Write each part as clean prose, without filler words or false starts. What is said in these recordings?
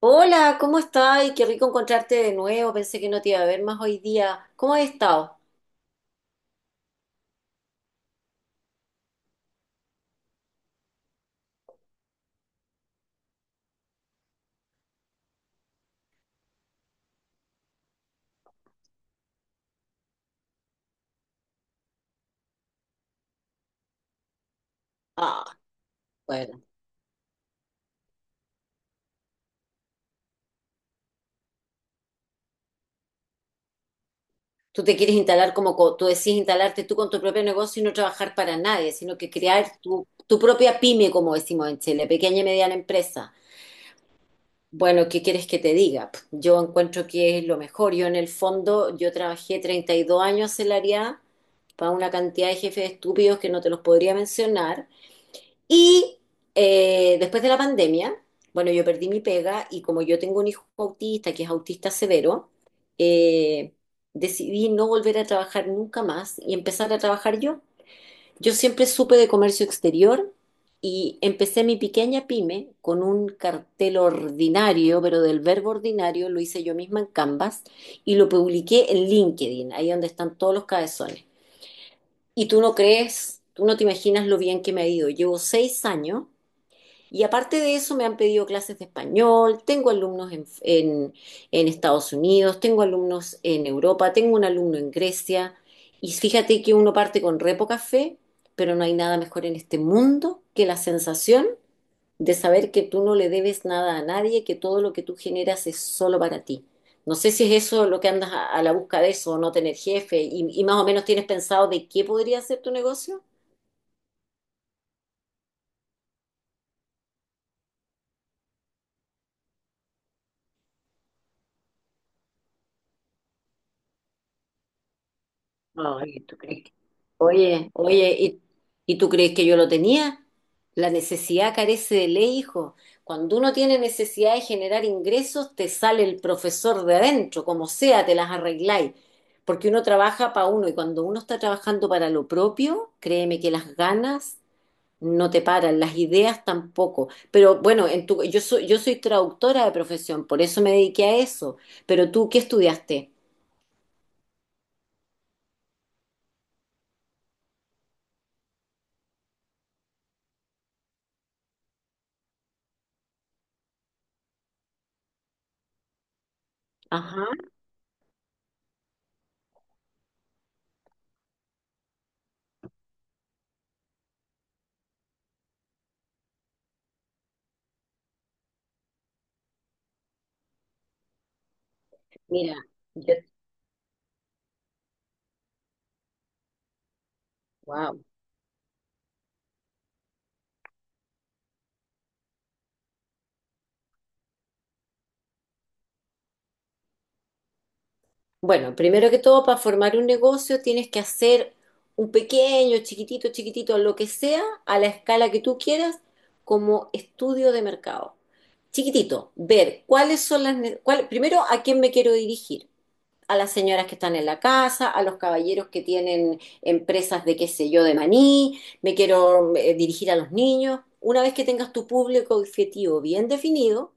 Hola, ¿cómo estás? Y qué rico encontrarte de nuevo. Pensé que no te iba a ver más hoy día. ¿Cómo has estado? Ah, bueno. Tú te quieres instalar como tú decís, instalarte tú con tu propio negocio y no trabajar para nadie, sino que crear tu propia pyme, como decimos en Chile, pequeña y mediana empresa. Bueno, ¿qué quieres que te diga? Pff, yo encuentro que es lo mejor. Yo en el fondo, yo trabajé 32 años en la área para una cantidad de jefes estúpidos que no te los podría mencionar. Y después de la pandemia, bueno, yo perdí mi pega y como yo tengo un hijo autista, que es autista severo, eh, decidí no volver a trabajar nunca más y empezar a trabajar yo. Yo siempre supe de comercio exterior y empecé mi pequeña pyme con un cartel ordinario, pero del verbo ordinario lo hice yo misma en Canvas y lo publiqué en LinkedIn, ahí donde están todos los cabezones. Y tú no crees, tú no te imaginas lo bien que me ha ido. Llevo 6 años y aparte de eso, me han pedido clases de español, tengo alumnos en Estados Unidos, tengo alumnos en Europa, tengo un alumno en Grecia. Y fíjate que uno parte con re poca fe, pero no hay nada mejor en este mundo que la sensación de saber que tú no le debes nada a nadie, que todo lo que tú generas es solo para ti. No sé si es eso lo que andas a la busca de eso, no tener jefe, y más o menos tienes pensado de qué podría ser tu negocio. Ay, ¿tú crees que- Oye, oye, y tú crees que yo lo tenía? La necesidad carece de ley, hijo. Cuando uno tiene necesidad de generar ingresos, te sale el profesor de adentro, como sea, te las arregláis. Porque uno trabaja para uno y cuando uno está trabajando para lo propio, créeme que las ganas no te paran, las ideas tampoco. Pero bueno, en tu, yo soy traductora de profesión, por eso me dediqué a eso. Pero tú, ¿qué estudiaste? Ajá, mira, yo, wow. Bueno, primero que todo, para formar un negocio tienes que hacer un pequeño, chiquitito, lo que sea, a la escala que tú quieras, como estudio de mercado. Chiquitito, ver cuáles son las... primero, ¿a quién me quiero dirigir? A las señoras que están en la casa, a los caballeros que tienen empresas de qué sé yo, de maní, me quiero dirigir a los niños. Una vez que tengas tu público objetivo bien definido,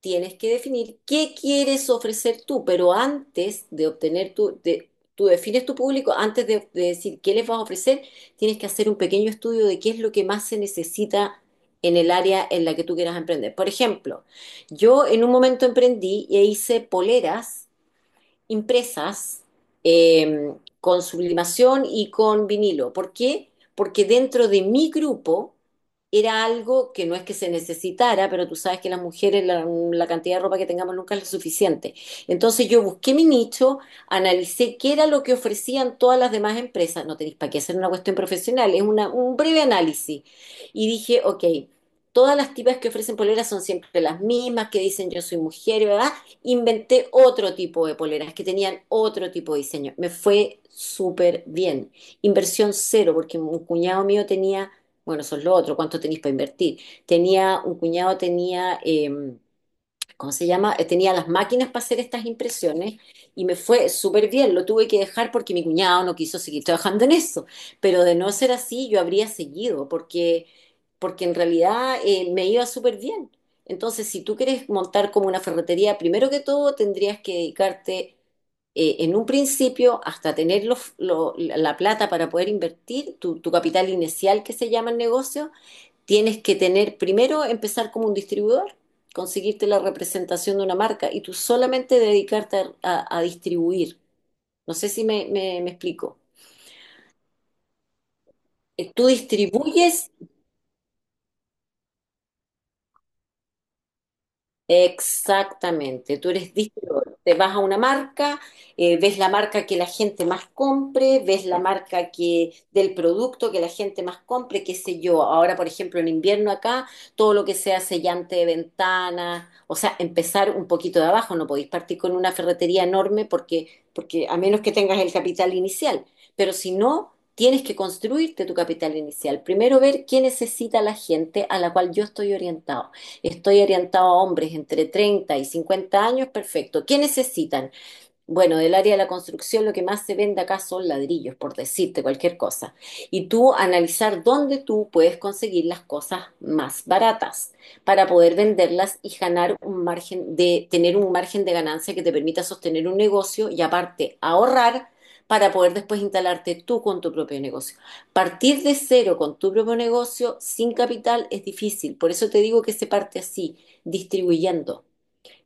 tienes que definir qué quieres ofrecer tú, pero antes de obtener tú defines tu público, antes de decir qué les vas a ofrecer, tienes que hacer un pequeño estudio de qué es lo que más se necesita en el área en la que tú quieras emprender. Por ejemplo, yo en un momento emprendí e hice poleras impresas eh, con sublimación y con vinilo. ¿Por qué? Porque dentro de mi grupo era algo que no es que se necesitara, pero tú sabes que las mujeres, la cantidad de ropa que tengamos nunca es lo suficiente. Entonces yo busqué mi nicho, analicé qué era lo que ofrecían todas las demás empresas. No tenéis para qué hacer una cuestión profesional, es una, un breve análisis. Y dije, ok, todas las tipas que ofrecen poleras son siempre las mismas, que dicen yo soy mujer, ¿verdad? Inventé otro tipo de poleras que tenían otro tipo de diseño. Me fue súper bien. Inversión cero, porque un cuñado mío tenía, bueno, eso es lo otro, ¿cuánto tenéis para invertir? Tenía, un cuñado tenía... ¿cómo se llama? Tenía las máquinas para hacer estas impresiones y me fue súper bien. Lo tuve que dejar porque mi cuñado no quiso seguir trabajando en eso. Pero de no ser así, yo habría seguido porque, porque en realidad me iba súper bien. Entonces, si tú quieres montar como una ferretería, primero que todo tendrías que dedicarte en un principio hasta tener la plata para poder invertir, tu capital inicial que se llama el negocio, tienes que tener, primero empezar como un distribuidor, conseguirte la representación de una marca y tú solamente dedicarte a distribuir. No sé si me explico. Tú distribuyes. Exactamente, tú eres distribuidor. Te vas a una marca, ves la marca que la gente más compre, ves la marca que del producto que la gente más compre, qué sé yo. Ahora, por ejemplo, en invierno acá, todo lo que sea sellante de ventanas, o sea, empezar un poquito de abajo, no podéis partir con una ferretería enorme porque, porque a menos que tengas el capital inicial, pero si no, tienes que construirte tu capital inicial. Primero ver qué necesita la gente a la cual yo estoy orientado a hombres entre 30 y 50 años, perfecto. ¿Qué necesitan? Bueno, del área de la construcción lo que más se vende acá son ladrillos, por decirte cualquier cosa. Y tú analizar dónde tú puedes conseguir las cosas más baratas para poder venderlas y ganar un margen de ganancia que te permita sostener un negocio y aparte ahorrar para poder después instalarte tú con tu propio negocio. Partir de cero con tu propio negocio sin capital es difícil, por eso te digo que se parte así, distribuyendo.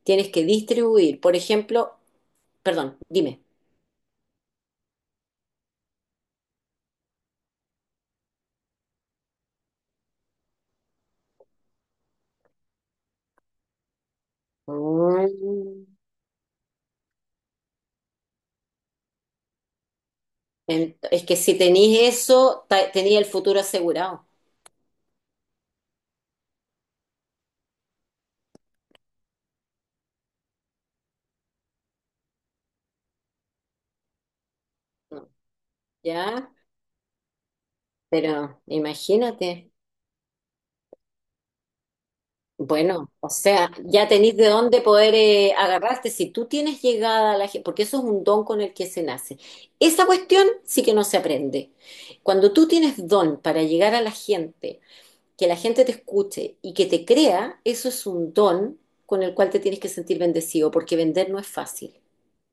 Tienes que distribuir, por ejemplo, perdón, dime. Mm. Es que si tenéis eso, tenía el futuro asegurado. No, ¿ya? Pero imagínate. Bueno, o sea, ya tenéis de dónde poder agarrarte. Si tú tienes llegada a la gente, porque eso es un don con el que se nace. Esa cuestión sí que no se aprende. Cuando tú tienes don para llegar a la gente, que la gente te escuche y que te crea, eso es un don con el cual te tienes que sentir bendecido, porque vender no es fácil.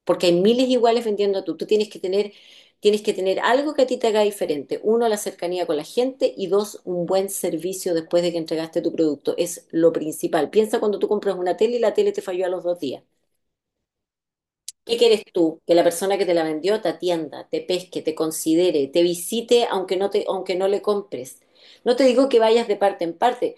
Porque hay miles iguales vendiendo tú. Tú tienes que tener algo que a ti te haga diferente. Uno, la cercanía con la gente y dos, un buen servicio después de que entregaste tu producto. Es lo principal. Piensa cuando tú compras una tele y la tele te falló a los 2 días. ¿Qué quieres tú? Que la persona que te la vendió te atienda, te pesque, te considere, te visite aunque no te, aunque no le compres. No te digo que vayas de parte en parte,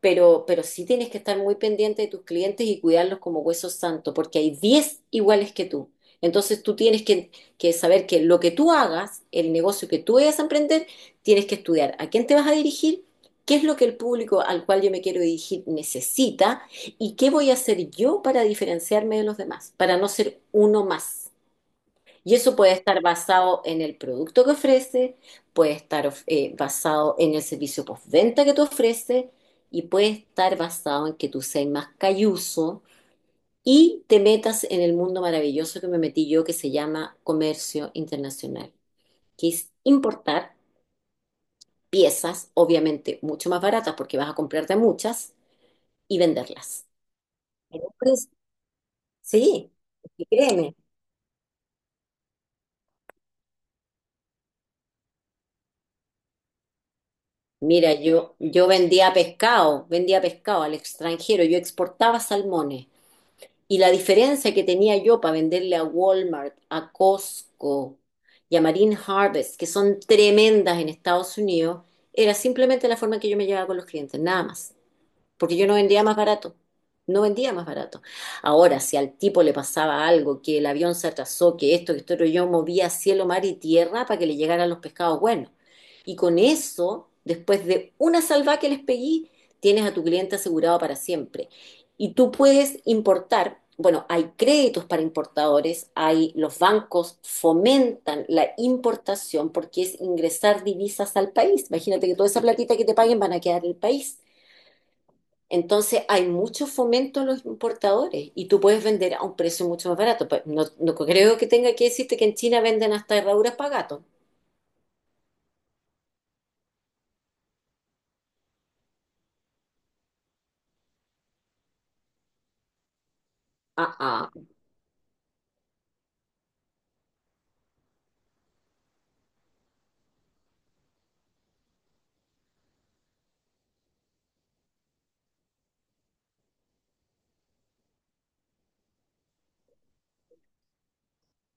pero sí tienes que estar muy pendiente de tus clientes y cuidarlos como huesos santos, porque hay 10 iguales que tú. Entonces tú tienes que saber que lo que tú hagas, el negocio que tú vayas a emprender, tienes que estudiar a quién te vas a dirigir, qué es lo que el público al cual yo me quiero dirigir necesita y qué voy a hacer yo para diferenciarme de los demás, para no ser uno más. Y eso puede estar basado en el producto que ofrece, puede estar basado en el servicio postventa que tú ofreces y puede estar basado en que tú seas más calluso y te metas en el mundo maravilloso que me metí yo que se llama comercio internacional, que es importar piezas, obviamente mucho más baratas porque vas a comprarte muchas y venderlas. En un prin- Sí, porque créeme. Mira, yo vendía pescado al extranjero, yo exportaba salmones. Y la diferencia que tenía yo para venderle a Walmart, a Costco y a Marine Harvest, que son tremendas en Estados Unidos, era simplemente la forma en que yo me llevaba con los clientes, nada más porque yo no vendía más barato. No vendía más barato. Ahora, si al tipo le pasaba algo, que el avión se atrasó, que esto, pero yo movía cielo, mar y tierra para que le llegaran los pescados buenos. Y con eso, después de una salva que les pegué, tienes a tu cliente asegurado para siempre. Y tú puedes importar, bueno, hay créditos para importadores, hay los bancos fomentan la importación porque es ingresar divisas al país. Imagínate que toda esa platita que te paguen van a quedar en el país. Entonces hay mucho fomento a los importadores y tú puedes vender a un precio mucho más barato. Pues, no, no creo que tenga que decirte que en China venden hasta herraduras para gatos. Ah, ah,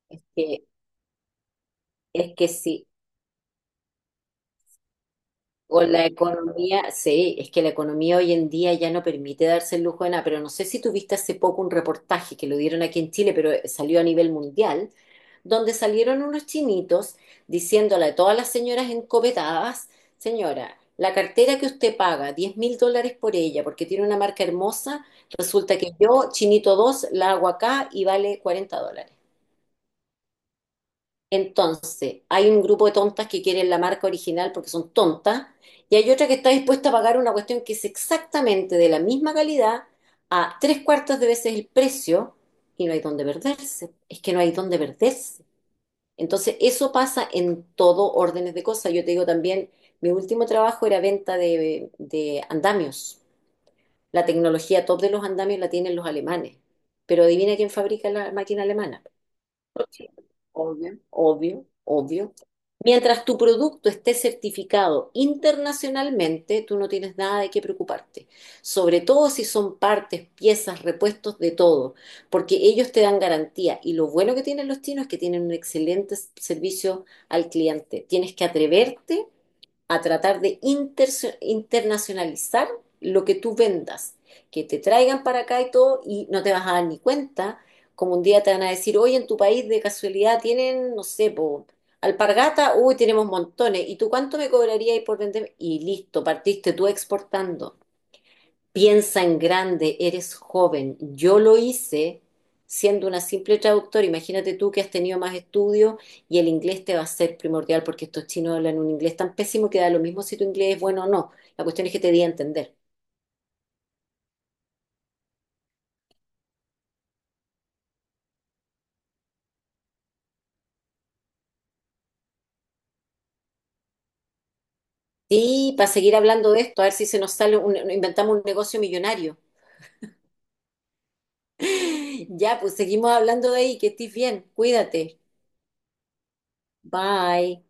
es que, es que sí, o la economía, sí, es que la economía hoy en día ya no permite darse el lujo de nada, pero no sé si tuviste hace poco un reportaje que lo dieron aquí en Chile, pero salió a nivel mundial, donde salieron unos chinitos diciéndole a todas las señoras encopetadas, señora, la cartera que usted paga, $10.000 por ella, porque tiene una marca hermosa, resulta que yo, chinito 2 la hago acá y vale $40. Entonces, hay un grupo de tontas que quieren la marca original porque son tontas, y hay otra que está dispuesta a pagar una cuestión que es exactamente de la misma calidad a tres cuartos de veces el precio, y no hay dónde perderse. Es que no hay dónde perderse. Entonces, eso pasa en todo órdenes de cosas. Yo te digo también, mi último trabajo era venta de andamios. La tecnología top de los andamios la tienen los alemanes. Pero adivina quién fabrica la máquina alemana. Sí, obvio, obvio, obvio. Mientras tu producto esté certificado internacionalmente, tú no tienes nada de qué preocuparte. Sobre todo si son partes, piezas, repuestos de todo, porque ellos te dan garantía. Y lo bueno que tienen los chinos es que tienen un excelente servicio al cliente. Tienes que atreverte a tratar de internacionalizar lo que tú vendas, que te traigan para acá y todo y no te vas a dar ni cuenta, como un día te van a decir, oye, en tu país de casualidad tienen, no sé, po, alpargata, uy, tenemos montones, ¿y tú cuánto me cobrarías por vender? Y listo, partiste tú exportando. Piensa en grande, eres joven. Yo lo hice siendo una simple traductora. Imagínate tú que has tenido más estudios y el inglés te va a ser primordial porque estos chinos hablan un inglés tan pésimo que da lo mismo si tu inglés es bueno o no. La cuestión es que te di a entender. Sí, para seguir hablando de esto, a ver si se nos sale, inventamos un negocio millonario. Ya, pues seguimos hablando de ahí, que estés bien, cuídate. Bye.